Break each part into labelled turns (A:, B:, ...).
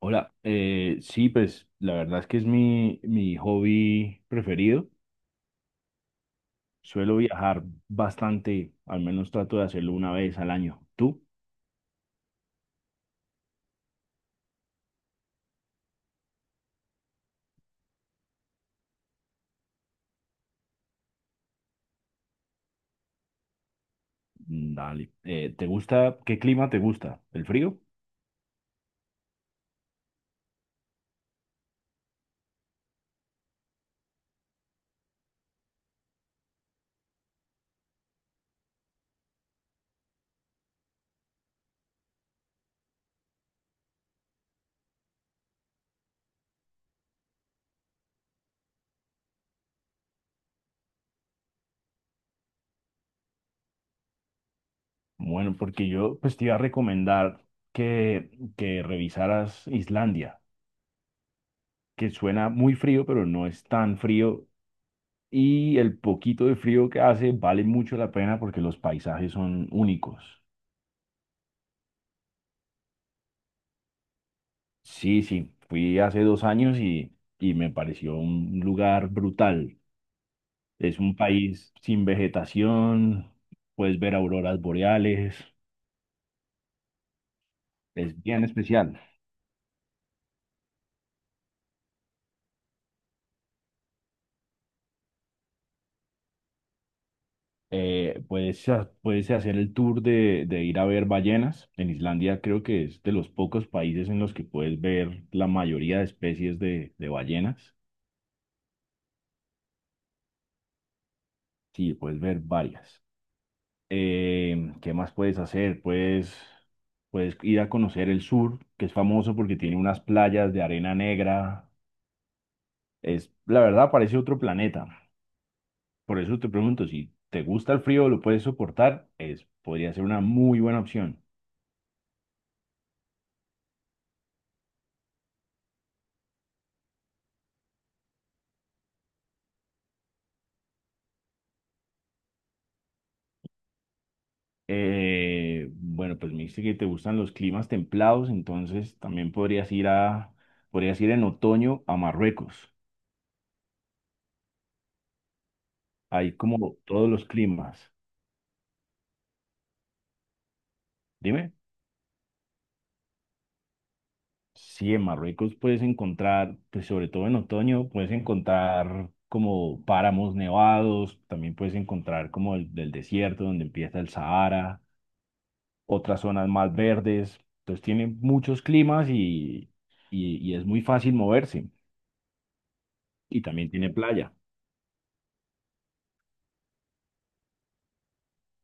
A: Hola, sí, pues la verdad es que es mi hobby preferido. Suelo viajar bastante, al menos trato de hacerlo una vez al año. ¿Tú? Mm, dale. ¿Te gusta? ¿Qué clima te gusta? ¿El frío? Bueno, porque yo pues te iba a recomendar que, que revisaras Islandia, que suena muy frío, pero no es tan frío. Y el poquito de frío que hace vale mucho la pena porque los paisajes son únicos. Sí, sí, fui hace 2 años y me pareció un lugar brutal. Es un país sin vegetación, puedes ver auroras boreales, es bien especial. Puedes, puedes hacer el tour de ir a ver ballenas. En Islandia creo que es de los pocos países en los que puedes ver la mayoría de especies de ballenas. Sí, puedes ver varias. ¿Qué más puedes hacer? Puedes ir a conocer el sur, que es famoso porque tiene unas playas de arena negra. Es, la verdad, parece otro planeta. Por eso te pregunto, si te gusta el frío, lo puedes soportar, es, podría ser una muy buena opción. Bueno, pues me dijiste que te gustan los climas templados, entonces también podrías ir en otoño a Marruecos. Hay como todos los climas. Dime. Sí, en Marruecos puedes encontrar, pues sobre todo en otoño, puedes encontrar como páramos nevados, también puedes encontrar como el del desierto donde empieza el Sahara, otras zonas más verdes. Entonces tiene muchos climas y es muy fácil moverse. Y también tiene playa.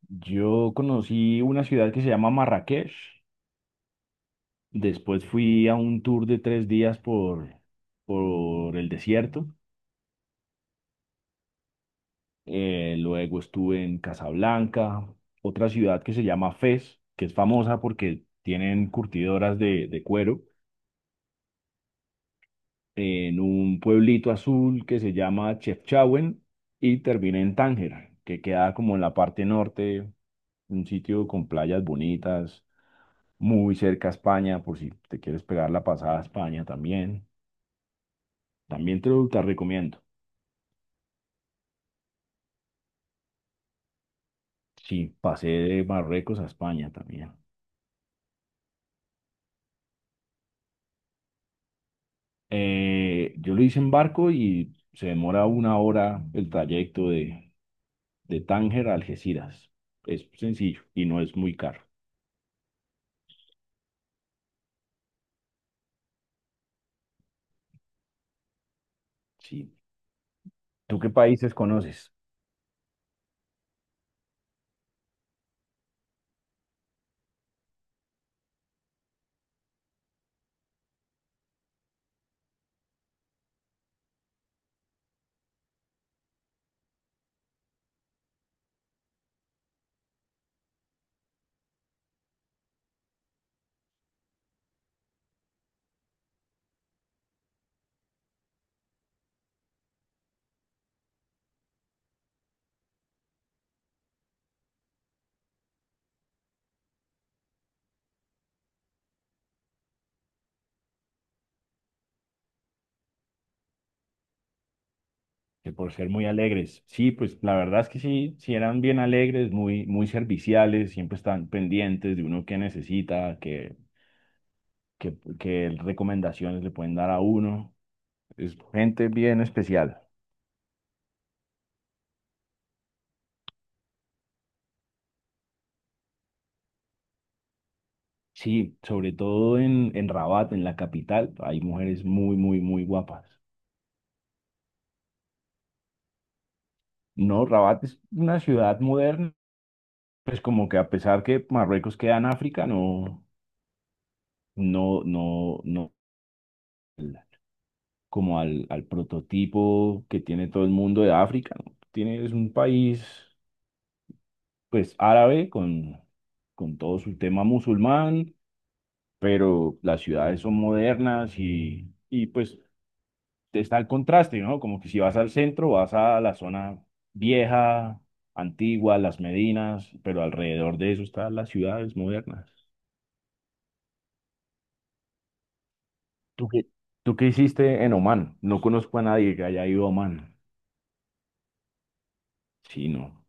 A: Yo conocí una ciudad que se llama Marrakech. Después fui a un tour de 3 días por el desierto, luego estuve en Casablanca, otra ciudad que se llama Fez, que es famosa porque tienen curtidoras de cuero, en un pueblito azul que se llama Chefchaouen y terminé en Tánger, que queda como en la parte norte, un sitio con playas bonitas, muy cerca a España, por si te quieres pegar la pasada a España también. También te recomiendo. Sí, pasé de Marruecos a España también. Yo lo hice en barco y se demora 1 hora el trayecto de Tánger a Algeciras. Es sencillo y no es muy caro. Sí. ¿Tú qué países conoces? Que por ser muy alegres. Sí, pues la verdad es que sí, sí eran bien alegres, muy, muy serviciales, siempre están pendientes de uno que necesita, que recomendaciones le pueden dar a uno. Es gente bien especial. Sí, sobre todo en Rabat, en la capital, hay mujeres muy, muy, muy guapas. No, Rabat es una ciudad moderna, pues como que a pesar que Marruecos queda en África, no, como al prototipo que tiene todo el mundo de África, ¿no? Tiene, es un país, pues árabe con todo su tema musulmán, pero las ciudades son modernas y pues está el contraste, ¿no? Como que si vas al centro, vas a la zona vieja, antigua, las Medinas, pero alrededor de eso están las ciudades modernas. ¿Tú qué, ¿tú qué hiciste en Oman? No conozco a nadie que haya ido a Oman. Sí, no.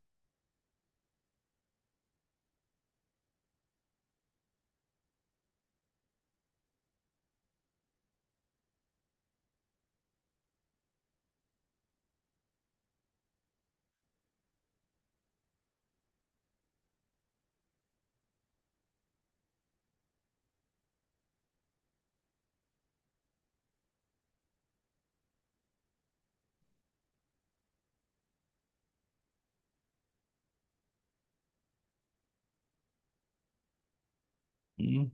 A: Mm.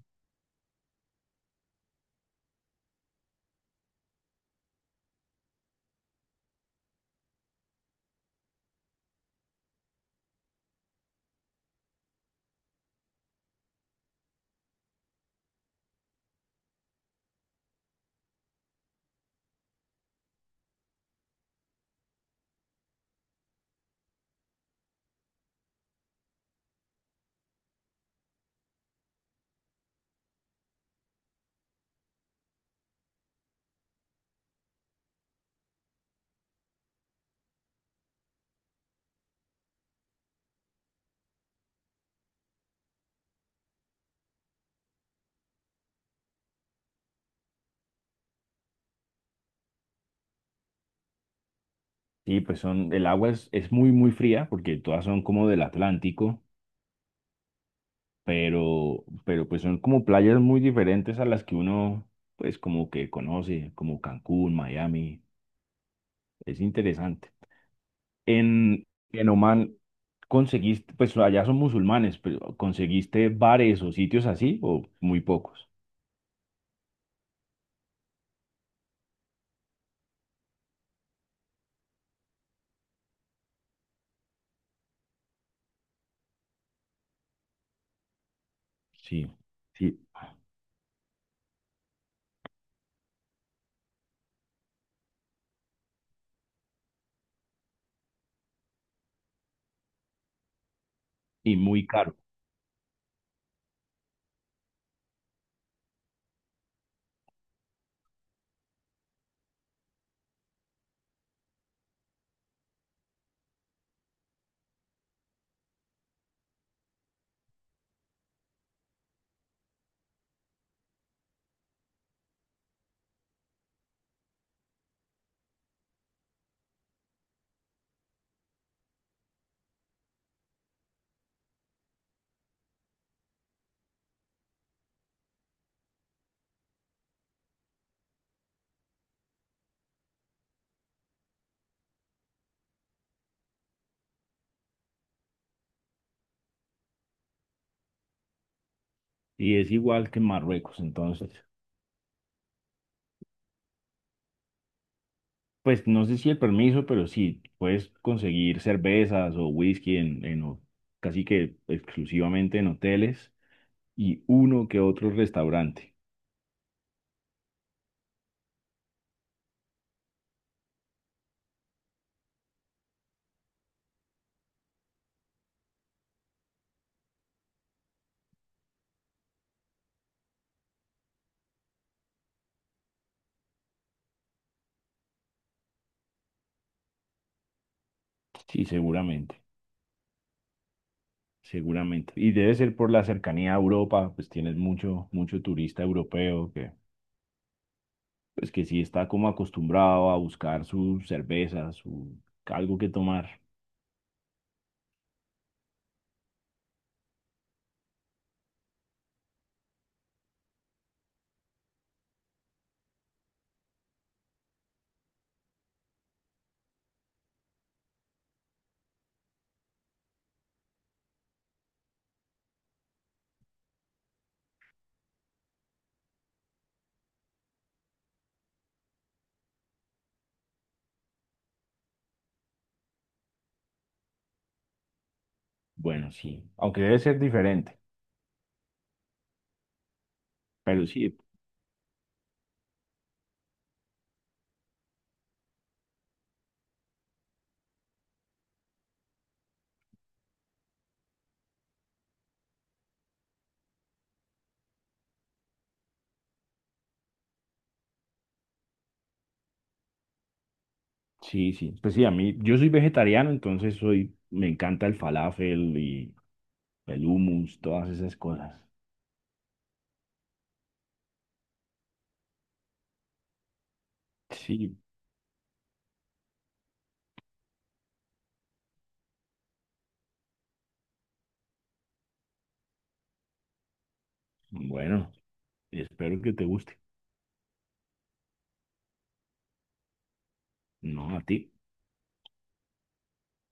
A: Sí, pues son, el agua es muy, muy fría porque todas son como del Atlántico, pero pues son como playas muy diferentes a las que uno, pues como que conoce, como Cancún, Miami. Es interesante. En, en Oman, ¿conseguiste, pues allá son musulmanes, pero ¿conseguiste bares o sitios así o muy pocos? Sí, sí. Y muy caro. Y es igual que en Marruecos, entonces, pues no sé si el permiso, pero sí, puedes conseguir cervezas o whisky en casi que exclusivamente en hoteles y uno que otro restaurante. Sí, seguramente, seguramente. Y debe ser por la cercanía a Europa, pues tienes mucho, mucho turista europeo que, pues que sí está como acostumbrado a buscar su cerveza, su algo que tomar. Bueno, sí, aunque debe ser diferente, pero sí, sí, sí. Pues sí, a mí, yo soy vegetariano, entonces soy, me encanta el falafel y el hummus, todas esas cosas. Sí, bueno, espero que te guste. No, a ti.